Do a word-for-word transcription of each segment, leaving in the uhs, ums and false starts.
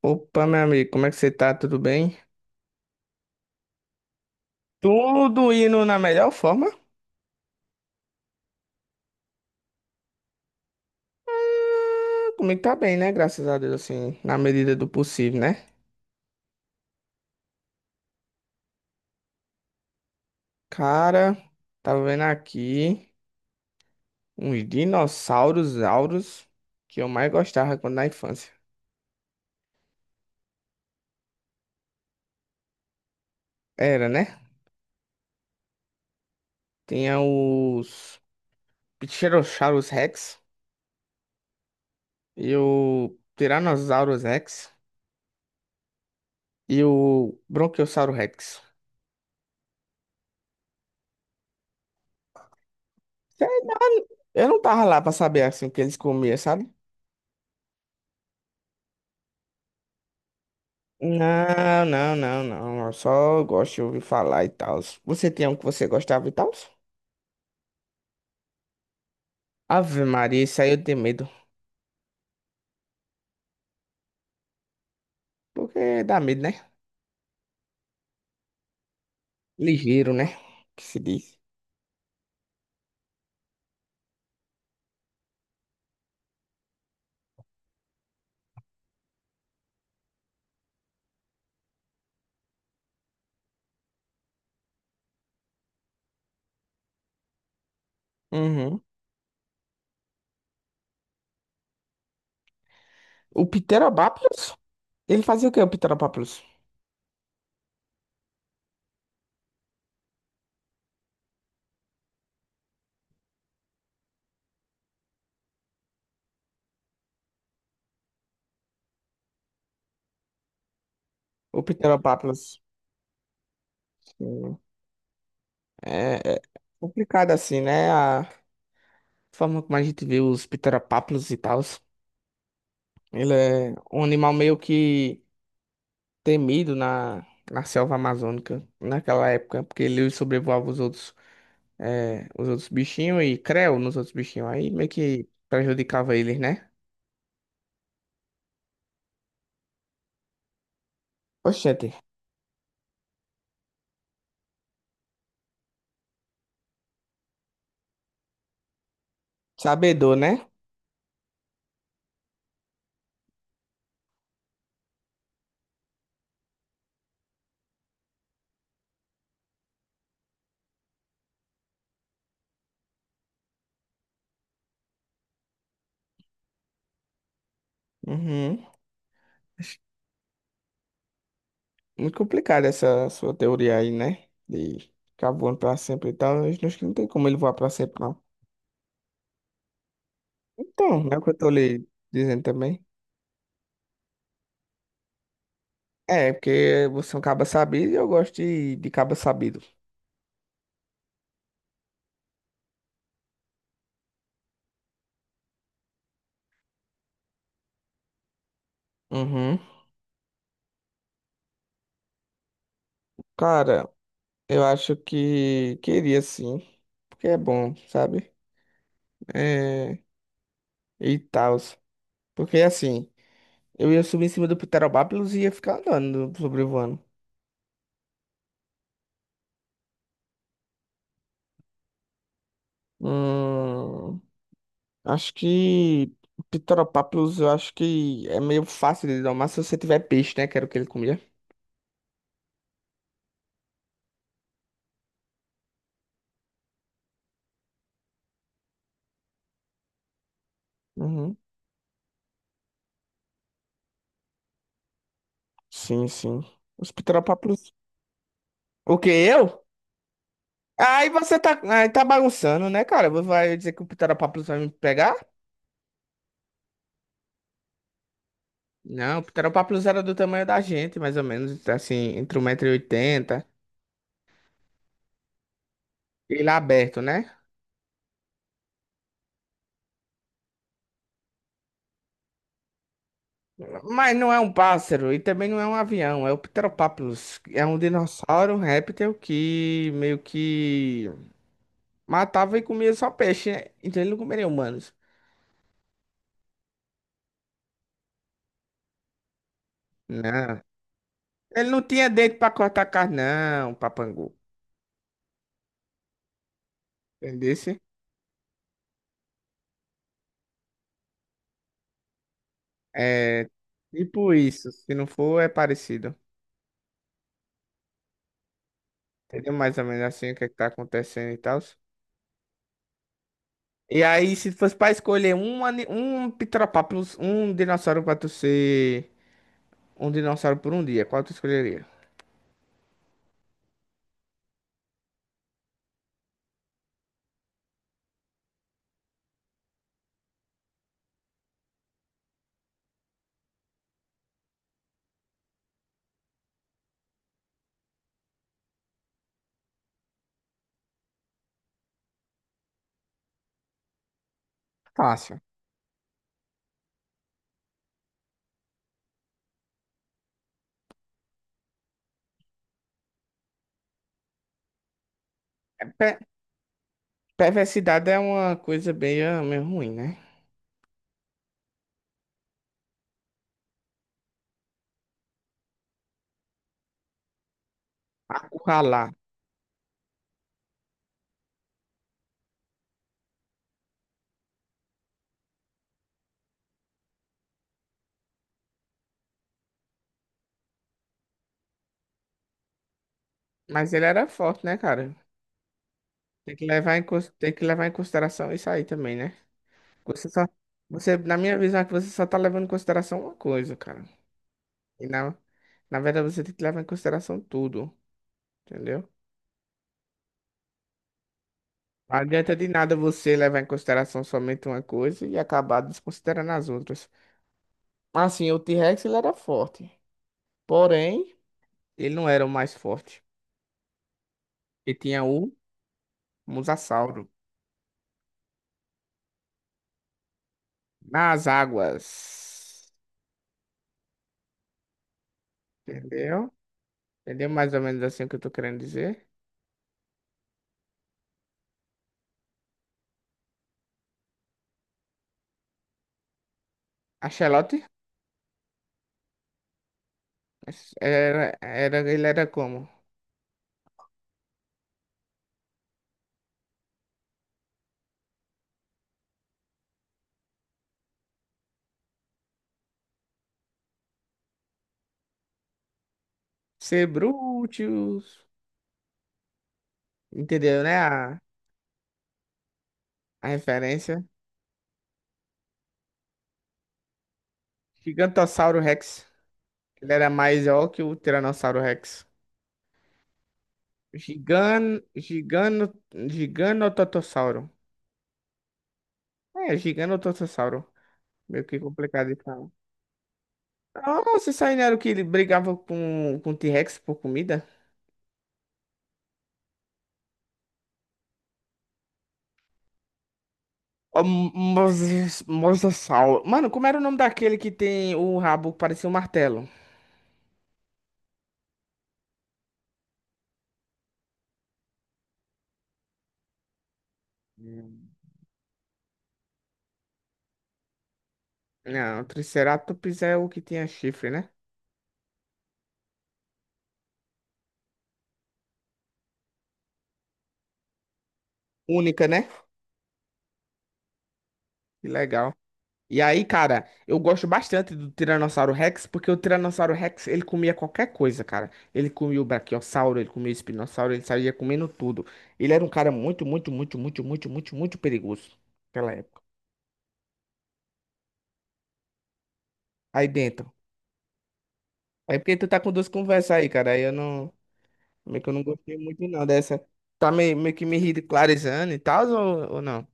Opa, meu amigo, como é que você tá? Tudo bem? Tudo indo na melhor forma? Ah, comigo tá bem, né? Graças a Deus, assim, na medida do possível, né? Cara, tava vendo aqui uns dinossauros auros que eu mais gostava quando na infância. Era, né? Tinha os Pterosaurus Rex e o Tyrannosaurus Rex e o Bronchiossauro Rex. Sei lá, eu não tava lá pra saber, assim, o que eles comiam, sabe? Não, não, não, não. Eu só gosto de ouvir falar e tal. Você tem um que você gostava e tal? Ave Maria, isso aí eu tenho medo. Porque dá medo, né? Ligeiro, né? Que se diz. Uhum. O Pterodactylus? Ele fazia o que, o Pterodactylus? O Pterodactylus. Sim, É, é complicado assim, né? A forma como a gente vê os Pterodactylus e tal. Ele é um animal meio que temido na, na selva amazônica naquela época, porque ele sobrevoava os outros. É, os outros bichinhos e creu nos outros bichinhos. Aí meio que prejudicava eles, né? Oxente, sabedor, né? Uhum. Muito complicada essa sua teoria aí, né? De ficar voando pra sempre e tal. Eu acho que não tem como ele voar pra sempre, não. Então, né? O que eu tô lhe dizendo também. É, porque você é um caba sabido e eu gosto de, de caba sabido. Uhum. Cara, eu acho que queria sim. Porque é bom, sabe? É, e tal. Porque assim. Eu ia subir em cima do Pterodáctilos e ia ficar andando, sobrevoando. Hum, acho que Pterodáctilos, eu acho que é meio fácil de domar se você tiver peixe, né? Que era o que ele comia. Uhum. Sim, sim. Os Pterodáctilos. O que, eu? Aí você tá, aí tá bagunçando, né, cara? Você vai dizer que o Pterodáctilos vai me pegar? Não, o Pterodáctilos era do tamanho da gente, mais ou menos, assim, entre um metro e oitenta. Ele é aberto, né? Mas não é um pássaro e também não é um avião, é o Pteropápulos. É um dinossauro, um réptil que meio que matava e comia só peixe, né? Então ele não comeria humanos. Não. Ele não tinha dente pra cortar carne, não, papangu. Entendesse? É tipo isso. Se não for, é parecido. Entendeu mais ou menos assim o que, é que tá acontecendo e tal. E aí, se fosse pra escolher um, ani- um Pteropápulos, um dinossauro pra tu ser um dinossauro por um dia, qual tu escolheria? Fácil. É, Pe- perversidade é uma coisa meio, meio ruim, né? Acurralar. Mas ele era forte, né, cara? Tem que levar em, cons- tem que levar em consideração isso aí também, né? Você só, você, na minha visão, é que você só tá levando em consideração uma coisa, cara. E na, na verdade, você tem que levar em consideração tudo, entendeu? Não adianta de nada você levar em consideração somente uma coisa e acabar desconsiderando as outras. Assim, o T-Rex, ele era forte. Porém, ele não era o mais forte. Ele tinha o Mosasauro. Nas águas. Entendeu? Entendeu mais ou menos assim o que eu tô querendo dizer? A Axolote era, era, ele era como? Cebrúteos. Entendeu, né? A, a referência. Gigantossauro Rex. Ele era maior que o Tiranossauro Rex. Gigan, gigano, giganototossauro. É, giganototossauro. Meio que complicado de falar. Nossa, isso aí não era o que ele brigava com, com o T-Rex por comida? Ah, Moses, Mosasaur. Mano, como era o nome daquele que tem o rabo que parecia um martelo? Hum. Não, o Triceratops é o que tinha chifre, né? Única, né? Que legal. E aí, cara, eu gosto bastante do Tiranossauro Rex, porque o Tiranossauro Rex, ele comia qualquer coisa, cara. Ele comia o Brachiosauro, ele comia o Espinossauro, ele saía comendo tudo. Ele era um cara muito, muito, muito, muito, muito, muito, muito perigoso naquela época. Aí dentro. Aí porque tu tá com duas conversas aí, cara, aí eu não... Meio que eu não gostei muito não dessa. Tá meio, meio que me ridicularizando e tal, ou, ou não?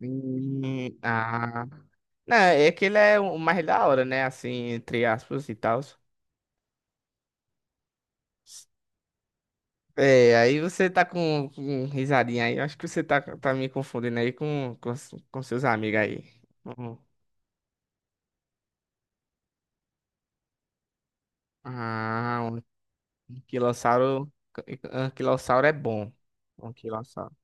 Hum, ah. Não, é que ele é o mais da hora, né? Assim, entre aspas e tal. É, aí você tá com, com risadinha aí. Eu acho que você tá, tá me confundindo aí com, com, com seus amigos aí. Hum. Ah, um anquilossauro. Anquilossauro é bom. Anquilossauro.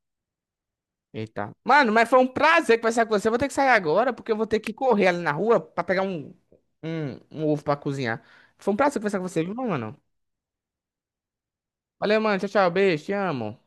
Eita. Mano, mas foi um prazer conversar com você. Eu vou ter que sair agora, porque eu vou ter que correr ali na rua pra pegar um, um, um ovo pra cozinhar. Foi um prazer conversar com você, viu, mano? Valeu, mano. Tchau, tchau. Beijo. Te amo.